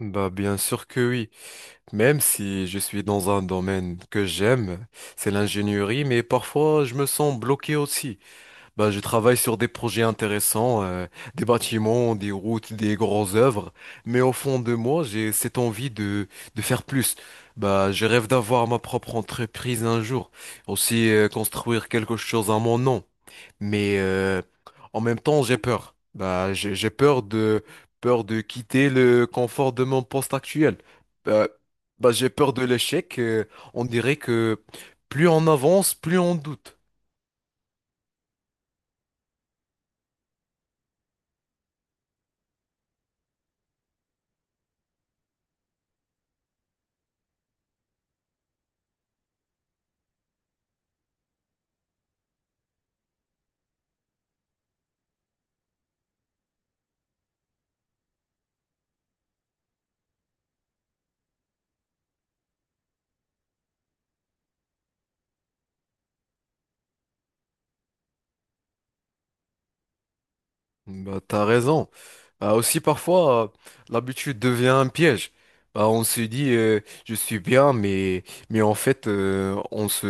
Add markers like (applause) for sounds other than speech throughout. Bah bien sûr que oui, même si je suis dans un domaine que j'aime, c'est l'ingénierie, mais parfois je me sens bloqué aussi. Bah je travaille sur des projets intéressants, des bâtiments, des routes, des grosses œuvres, mais au fond de moi j'ai cette envie de faire plus. Bah je rêve d'avoir ma propre entreprise un jour, aussi construire quelque chose à mon nom. Mais en même temps, j'ai peur. Bah, j'ai peur de quitter le confort de mon poste actuel. Bah, bah, j'ai peur de l'échec. On dirait que plus on avance, plus on doute. Bah, t'as raison. Bah, aussi parfois, l'habitude devient un piège. Bah, on se dit, je suis bien, mais en fait, euh, on se,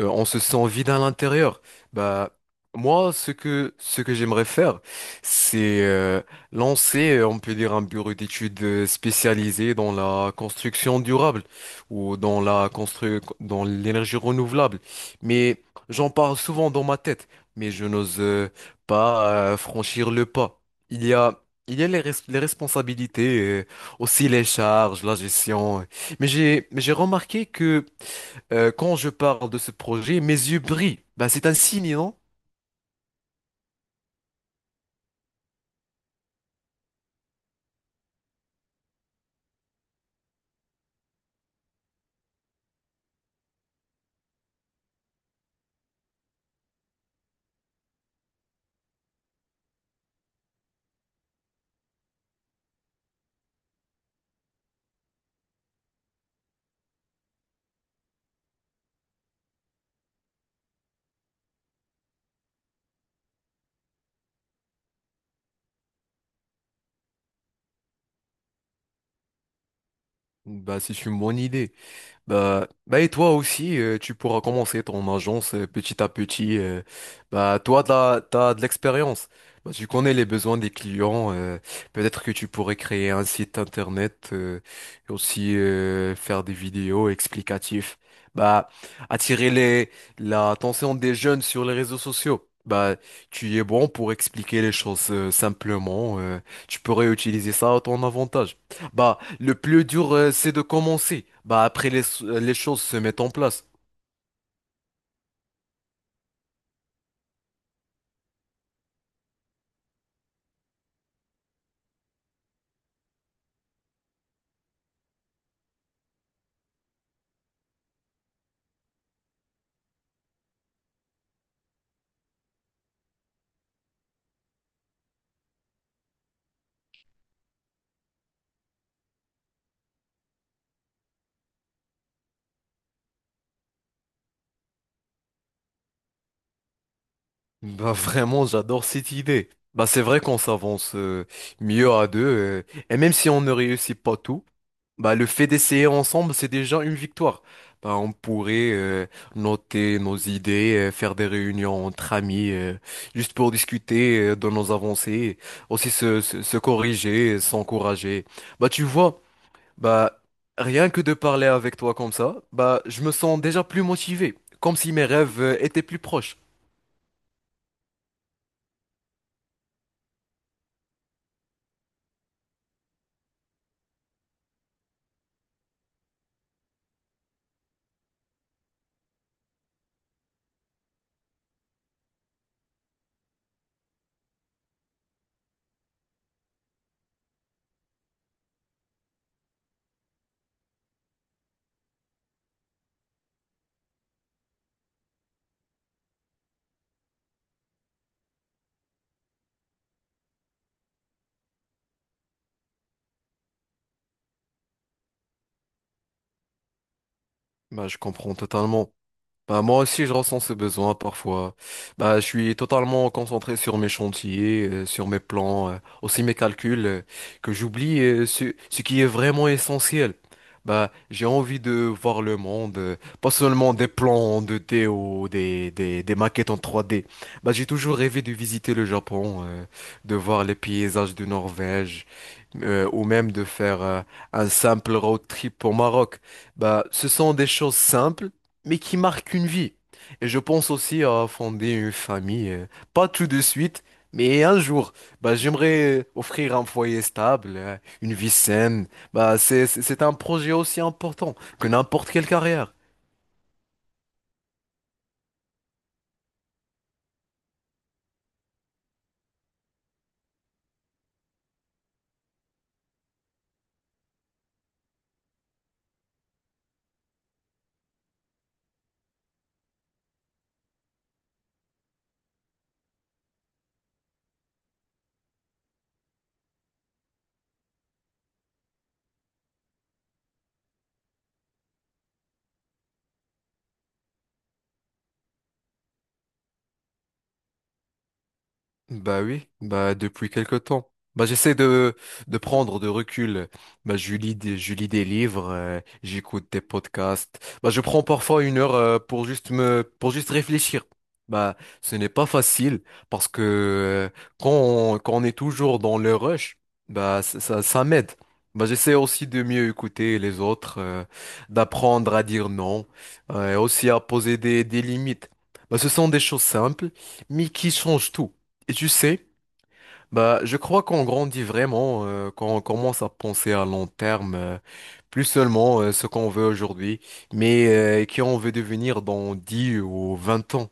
euh, on se sent vide à l'intérieur. Bah, moi, ce que j'aimerais faire, c'est lancer, on peut dire, un bureau d'études spécialisé dans la construction durable ou dans la constru dans l'énergie renouvelable. Mais j'en parle souvent dans ma tête, mais je n'ose pas franchir le pas. Il y a il y a les, les responsabilités, aussi les charges, la gestion. Mais j'ai remarqué que quand je parle de ce projet, mes yeux brillent. Bah, c'est un signe, non? Bah, c'est une bonne idée. Bah, bah et toi aussi, tu pourras commencer ton agence petit à petit. Bah toi, t'as de l'expérience. Bah, tu connais les besoins des clients. Peut-être que tu pourrais créer un site internet et aussi faire des vidéos explicatives. Bah, attirer les l'attention des jeunes sur les réseaux sociaux. Bah, tu y es bon pour expliquer les choses simplement. Tu pourrais utiliser ça à ton avantage. Bah, le plus dur, c'est de commencer. Bah, après, les choses se mettent en place. Bah, (laughs) vraiment, j'adore cette idée. Bah, c'est vrai qu'on s'avance mieux à deux. Et même si on ne réussit pas tout, bah, le fait d'essayer ensemble, c'est déjà une victoire. Bah, on pourrait noter nos idées, faire des réunions entre amis, juste pour discuter de nos avancées, aussi se corriger, s'encourager. Bah, tu vois. Bah, rien que de parler avec toi comme ça, bah, je me sens déjà plus motivé, comme si mes rêves étaient plus proches. Bah, je comprends totalement. Bah, moi aussi, je ressens ce besoin parfois. Bah, je suis totalement concentré sur mes chantiers, sur mes plans, aussi mes calculs, que j'oublie ce qui est vraiment essentiel. Bah, j'ai envie de voir le monde, pas seulement des plans en 2D ou des maquettes en 3D. Bah, j'ai toujours rêvé de visiter le Japon, de voir les paysages de Norvège, ou même de faire un simple road trip au Maroc. Bah, ce sont des choses simples mais qui marque une vie. Et je pense aussi à fonder une famille, pas tout de suite, mais un jour. Bah, j'aimerais offrir un foyer stable, une vie saine. Bah, c'est un projet aussi important que n'importe quelle carrière. Bah oui, bah depuis quelque temps. Bah j'essaie de prendre de recul. Bah je lis des livres, j'écoute des podcasts. Bah je prends parfois 1 heure pour juste réfléchir. Bah ce n'est pas facile parce que quand on est toujours dans le rush, bah ça m'aide. Bah j'essaie aussi de mieux écouter les autres, d'apprendre à dire non, et aussi à poser des limites. Bah ce sont des choses simples, mais qui changent tout. Et tu sais, bah, je crois qu'on grandit vraiment quand on commence à penser à long terme, plus seulement ce qu'on veut aujourd'hui, mais qui on veut devenir dans 10 ou 20 ans.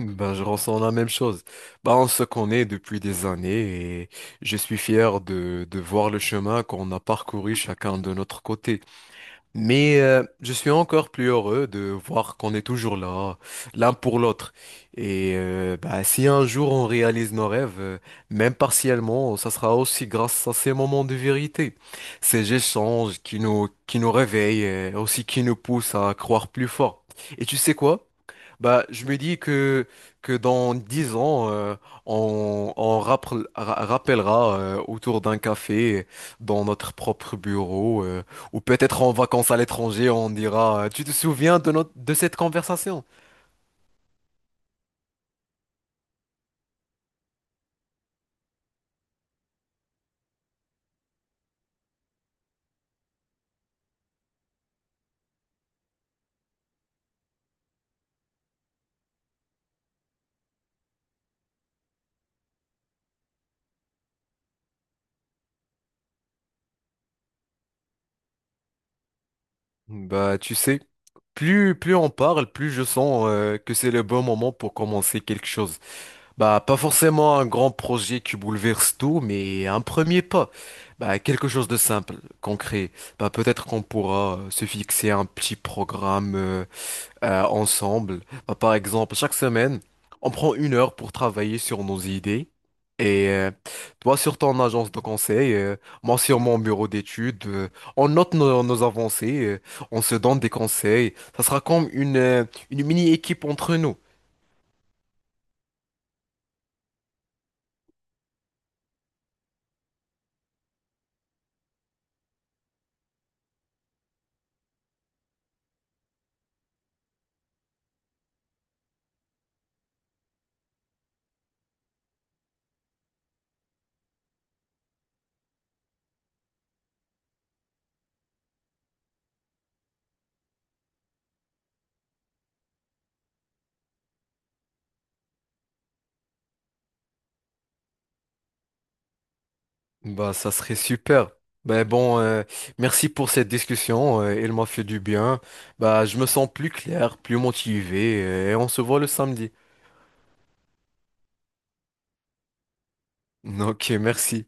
Ben, je ressens la même chose. Ben, on se connaît depuis des années et je suis fier de voir le chemin qu'on a parcouru chacun de notre côté. Mais je suis encore plus heureux de voir qu'on est toujours là, l'un pour l'autre. Et bah, si un jour on réalise nos rêves, même partiellement, ça sera aussi grâce à ces moments de vérité, ces échanges qui nous réveillent, et aussi qui nous poussent à croire plus fort. Et tu sais quoi? Bah, je me dis que dans 10 ans, on rappellera autour d'un café, dans notre propre bureau, ou peut-être en vacances à l'étranger, on dira, Tu te souviens de notre, de cette conversation? Bah, tu sais, plus on parle, plus je sens que c'est le bon moment pour commencer quelque chose. Bah, pas forcément un grand projet qui bouleverse tout, mais un premier pas. Bah, quelque chose de simple, concret. Bah, peut-être qu'on pourra se fixer un petit programme ensemble. Bah, par exemple, chaque semaine, on prend 1 heure pour travailler sur nos idées. Et toi sur ton agence de conseil, moi sur mon bureau d'études, on note nos avancées, on se donne des conseils. Ça sera comme une mini-équipe entre nous. Bah, ça serait super. Ben bon, merci pour cette discussion. Elle m'a fait du bien. Bah, je me sens plus clair, plus motivé, et on se voit le samedi. Ok, merci.